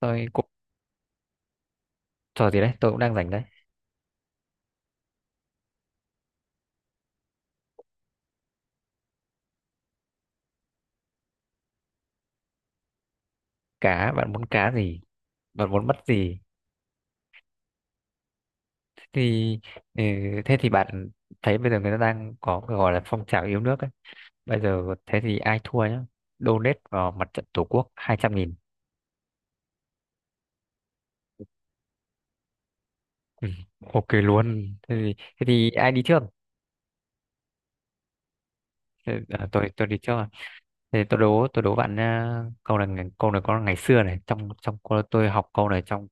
Tôi cũng Trò gì đấy, tôi cũng đang rảnh đấy. Cá? Bạn muốn cá gì? Bạn muốn bắt gì thì... ừ, Thế thì bạn thấy bây giờ người ta đang có cái gọi là phong trào yêu nước ấy, bây giờ thế thì ai thua nhá donate vào mặt trận tổ quốc 200.000. Ừ, OK luôn. Thế thì ai đi trước? Tôi đi trước à. Thế tôi đố bạn, câu này, có ngày xưa này, trong trong cô- tôi học câu này trong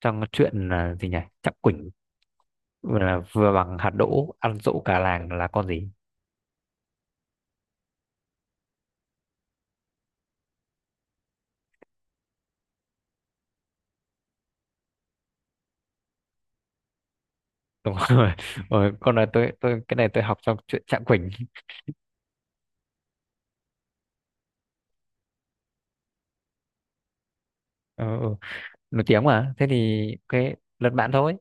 trong chuyện, gì nhỉ, Chắc Quỳnh? Là vừa bằng hạt đỗ, ăn dỗ cả làng, là con gì? Đúng rồi. Con này tôi cái này tôi học trong chuyện Trạng Quỳnh. Ừ, ừ. Nổi tiếng mà. Thế thì cái lật bạn thôi.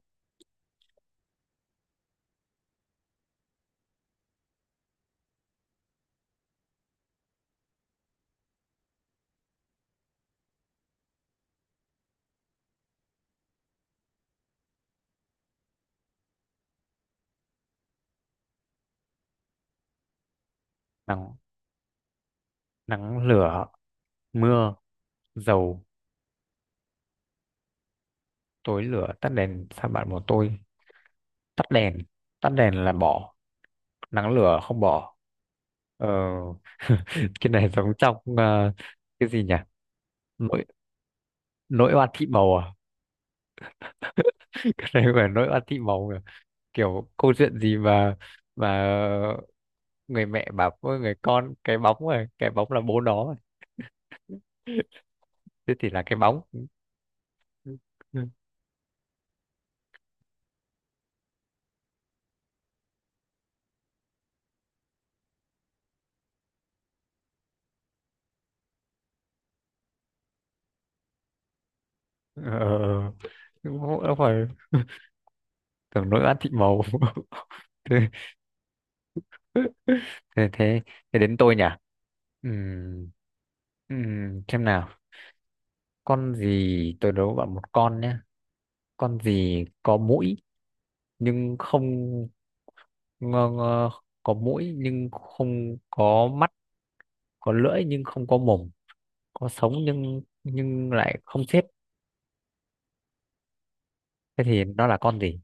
Nắng Nắng lửa mưa dầu, tối lửa tắt đèn, sao bạn bỏ tôi? tắt đèn Tắt đèn là bỏ, nắng lửa không bỏ. ờ cái này giống trong cái gì nhỉ, nỗi nỗi oan Thị màu à? Cái này gọi là nỗi oan Thị màu à? Kiểu câu chuyện gì mà mà người mẹ bảo với người con cái bóng, rồi cái bóng là bố nó rồi. Thế thì là cái bóng. ờ, Đúng không? Đúng rồi. Tưởng nỗi oán Thị màu thế, thế thế Thế đến tôi nhỉ. Ừm, xem nào. Con gì? Tôi đố bạn một con nhé. Con gì có mũi nhưng không... ngơ ngơ, có mũi nhưng không có mắt, có lưỡi nhưng không có mồm, có sống nhưng lại không chết. Thế thì nó là con gì?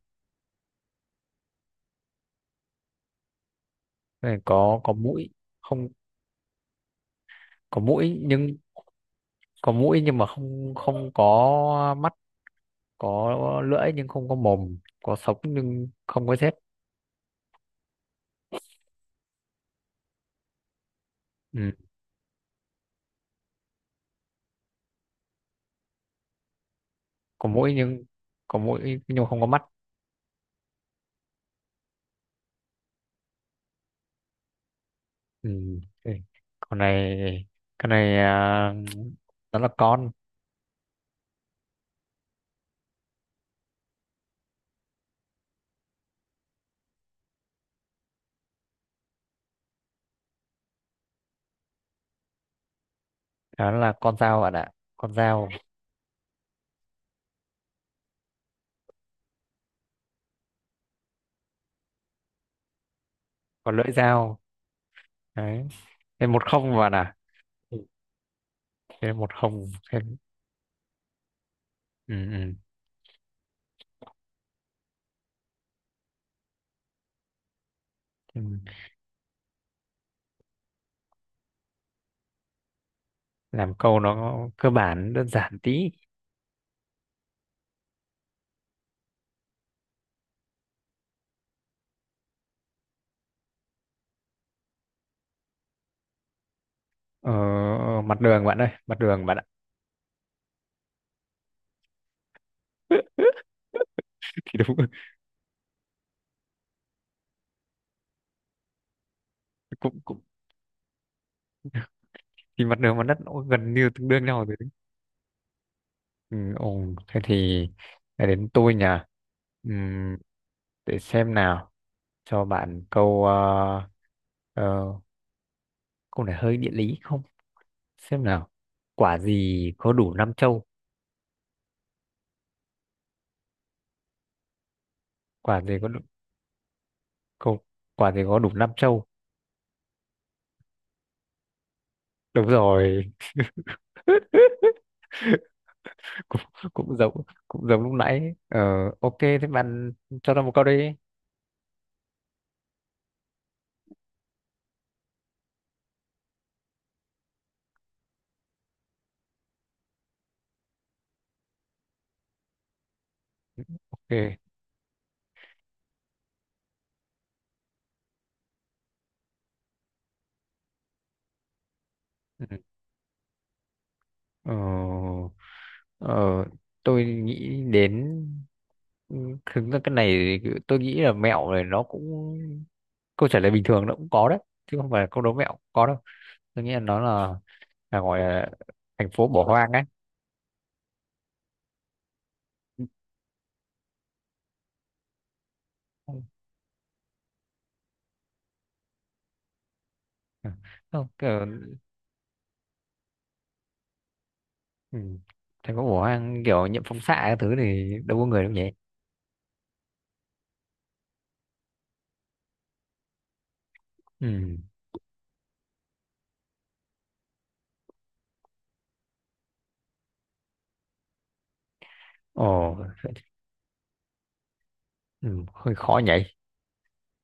Thế là có mũi, không, có mũi nhưng có mũi nhưng mà không không có mắt, có lưỡi nhưng không có mồm, có sống nhưng không có rết. Ừ. Có mũi nhưng không có mắt. Ừ. Ừ. con này con này, nó là con... Đó là con dao, bạn ạ. Con dao. Có lưỡi dao. Đấy, 1-0, bạn ạ. Ừ. 1-0. Ừ, ừ. Ừ. Làm câu nó cơ bản, đơn giản tí. Ờ, Mặt đường bạn ơi, mặt đường bạn ạ. Thì đúng rồi, cũng cũng thì mặt đường và đất nó gần như tương đương nhau rồi, đấy. Ừ, ồ, thế thì lại đến tôi nhỉ. Ừm, để xem nào. Cho bạn câu... ờ, ờ, câu này hơi địa lý không? Xem nào. Quả gì có đủ năm châu? Quả gì có đủ câu Quả gì có đủ năm châu? Đúng rồi. cũng cũng giống Cũng giống lúc nãy. Ờ OK, thế bạn cho tôi một câu đi. OK. Ừ. ờ, ờ, tôi nghĩ đến... ừ, thực ra cái này thì tôi nghĩ là mẹo này nó cũng... câu trả lời bình thường nó cũng có đấy, chứ không phải là câu đố mẹo cũng có đâu. Tôi nghĩ là nó là gọi là thành phố bỏ hoang ấy. Ừ. Không, kiểu... Ừ. Thành phố bỏ hoang kiểu nhiễm phóng xạ các thứ thì đâu có người đâu nhỉ. Ừ. Ồ. Ừ. Hơi khó nhỉ.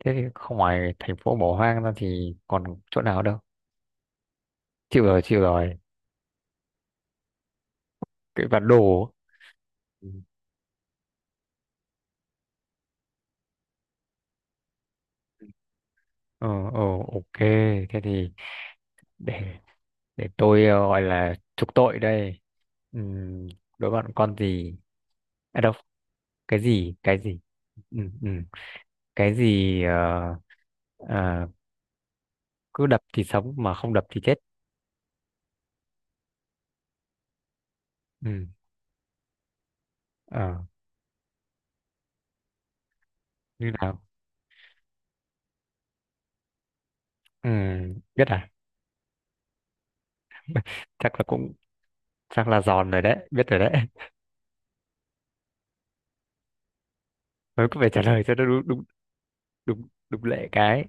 Thế thì không, ngoài thành phố bỏ hoang ra thì còn chỗ nào đâu. Chịu rồi, chịu rồi. Cái bản đồ. Ừ. ờ ờ OK. Thế thì để để tôi gọi là trục tội đây. Ừm, Đối bạn con gì. À đâu. Cái gì? Ừm, ừm, cái gì ờ, cứ đập thì sống mà không đập thì chết? Ừm, ờ, Như nào? Biết à? chắc là cũng Chắc là giòn rồi đấy, biết rồi đấy. Mới cứ phải trả lời cho nó. Đúng, đúng, đúng, đúng lệ cái.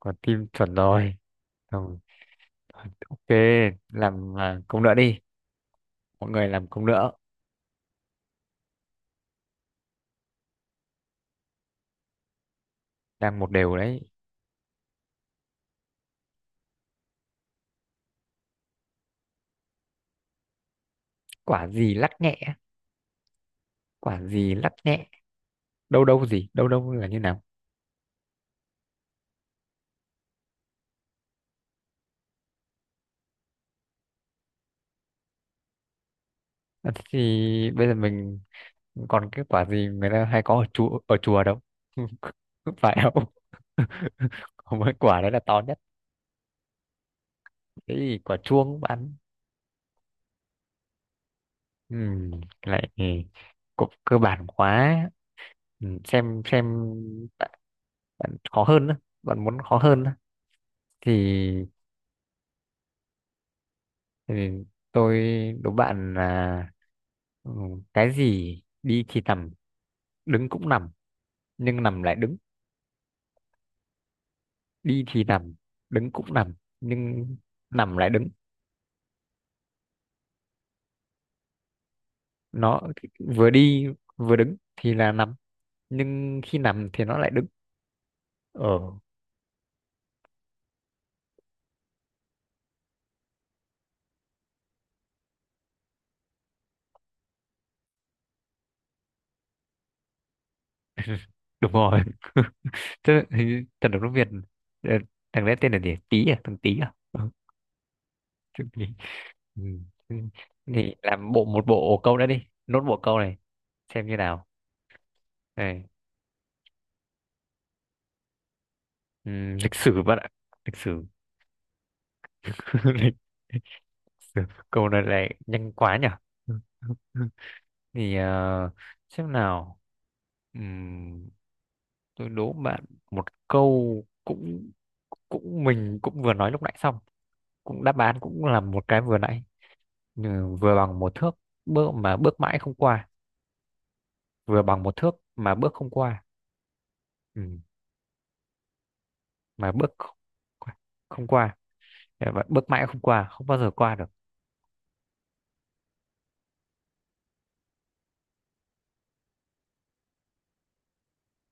Còn tim chuẩn rồi. Không, OK, làm câu nữa đi. Mọi người làm công nữa. Đang một đều đấy. quả gì lắc nhẹ Quả gì lắc nhẹ? Đâu đâu gì, đâu đâu là như nào? Thế thì bây giờ mình... còn cái quả gì người ta hay có ở chùa, đâu? Phải không? Có mỗi quả đấy là to nhất. Cái gì, quả chuông bạn? Ừ, cái này thì cũng cơ bản quá. Ừ, xem. Bạn Bạn khó hơn á, bạn muốn khó hơn á, thì thì tôi đố bạn là ừ, cái gì đi thì nằm, đứng cũng nằm, nhưng nằm lại đứng? Đi thì nằm, đứng cũng nằm, nhưng nằm lại đứng. Nó vừa đi, vừa đứng thì là nằm, nhưng khi nằm thì nó lại đứng. ờ Đúng rồi. Thế thì thần nước Việt, ờ, thằng đấy tên là gì, Tý à, thằng Tý à? Ừ. Thằng Tý. Ừ. Ừ. Thì làm một bộ câu nữa đi, nốt bộ câu này. Xem như nào. Đây. Lịch sử bạn ạ. Lịch sử. lịch, Lịch sử. Câu này lại nhanh quá nhỉ. Thì xem nào. Ừm, tôi đố bạn một câu cũng cũng mình cũng vừa nói lúc nãy xong, cũng đáp án cũng là một cái vừa nãy. Ừ, vừa bằng 1 thước, bước mà bước mãi không qua. Vừa bằng một thước mà bước không qua. ừ, mà bước không qua, không qua. Thế mà bước mãi không qua, không bao giờ qua được.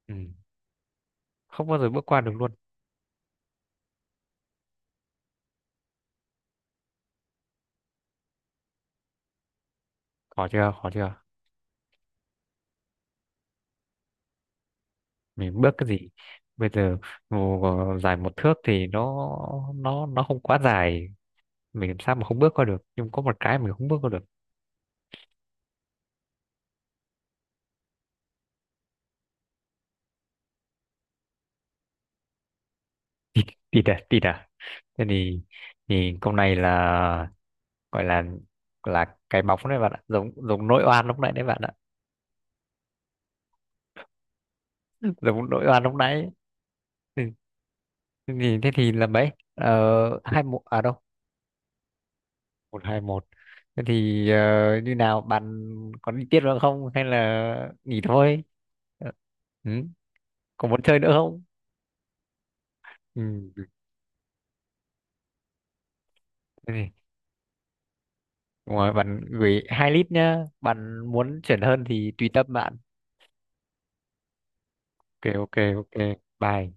Ừ, không bao giờ bước qua được luôn. Khó chưa, khó chưa? Mình bước cái gì bây giờ? Ngồi dài 1 thước thì nó nó không quá dài, mình làm sao mà không bước qua được, nhưng có một cái mình không bước qua được. Tịt à, tịt à? Thế thì, câu này là gọi là cái bóng đấy bạn ạ, giống giống nỗi oan lúc nãy đấy bạn ạ. Giống nỗi oan lúc nãy. Ừ, thế thì là mấy, 2-1 à, đâu. Một hai một. Thế thì như nào bạn, có đi tiếp nữa không hay là nghỉ thôi? Ờ, ừ. Có muốn chơi nữa không? Ừ. Ừ. Thế thì- Đúng rồi, bạn gửi hai lít nhá, bạn muốn chuyển hơn thì tùy tâm bạn. OK, OK. OK. Bye.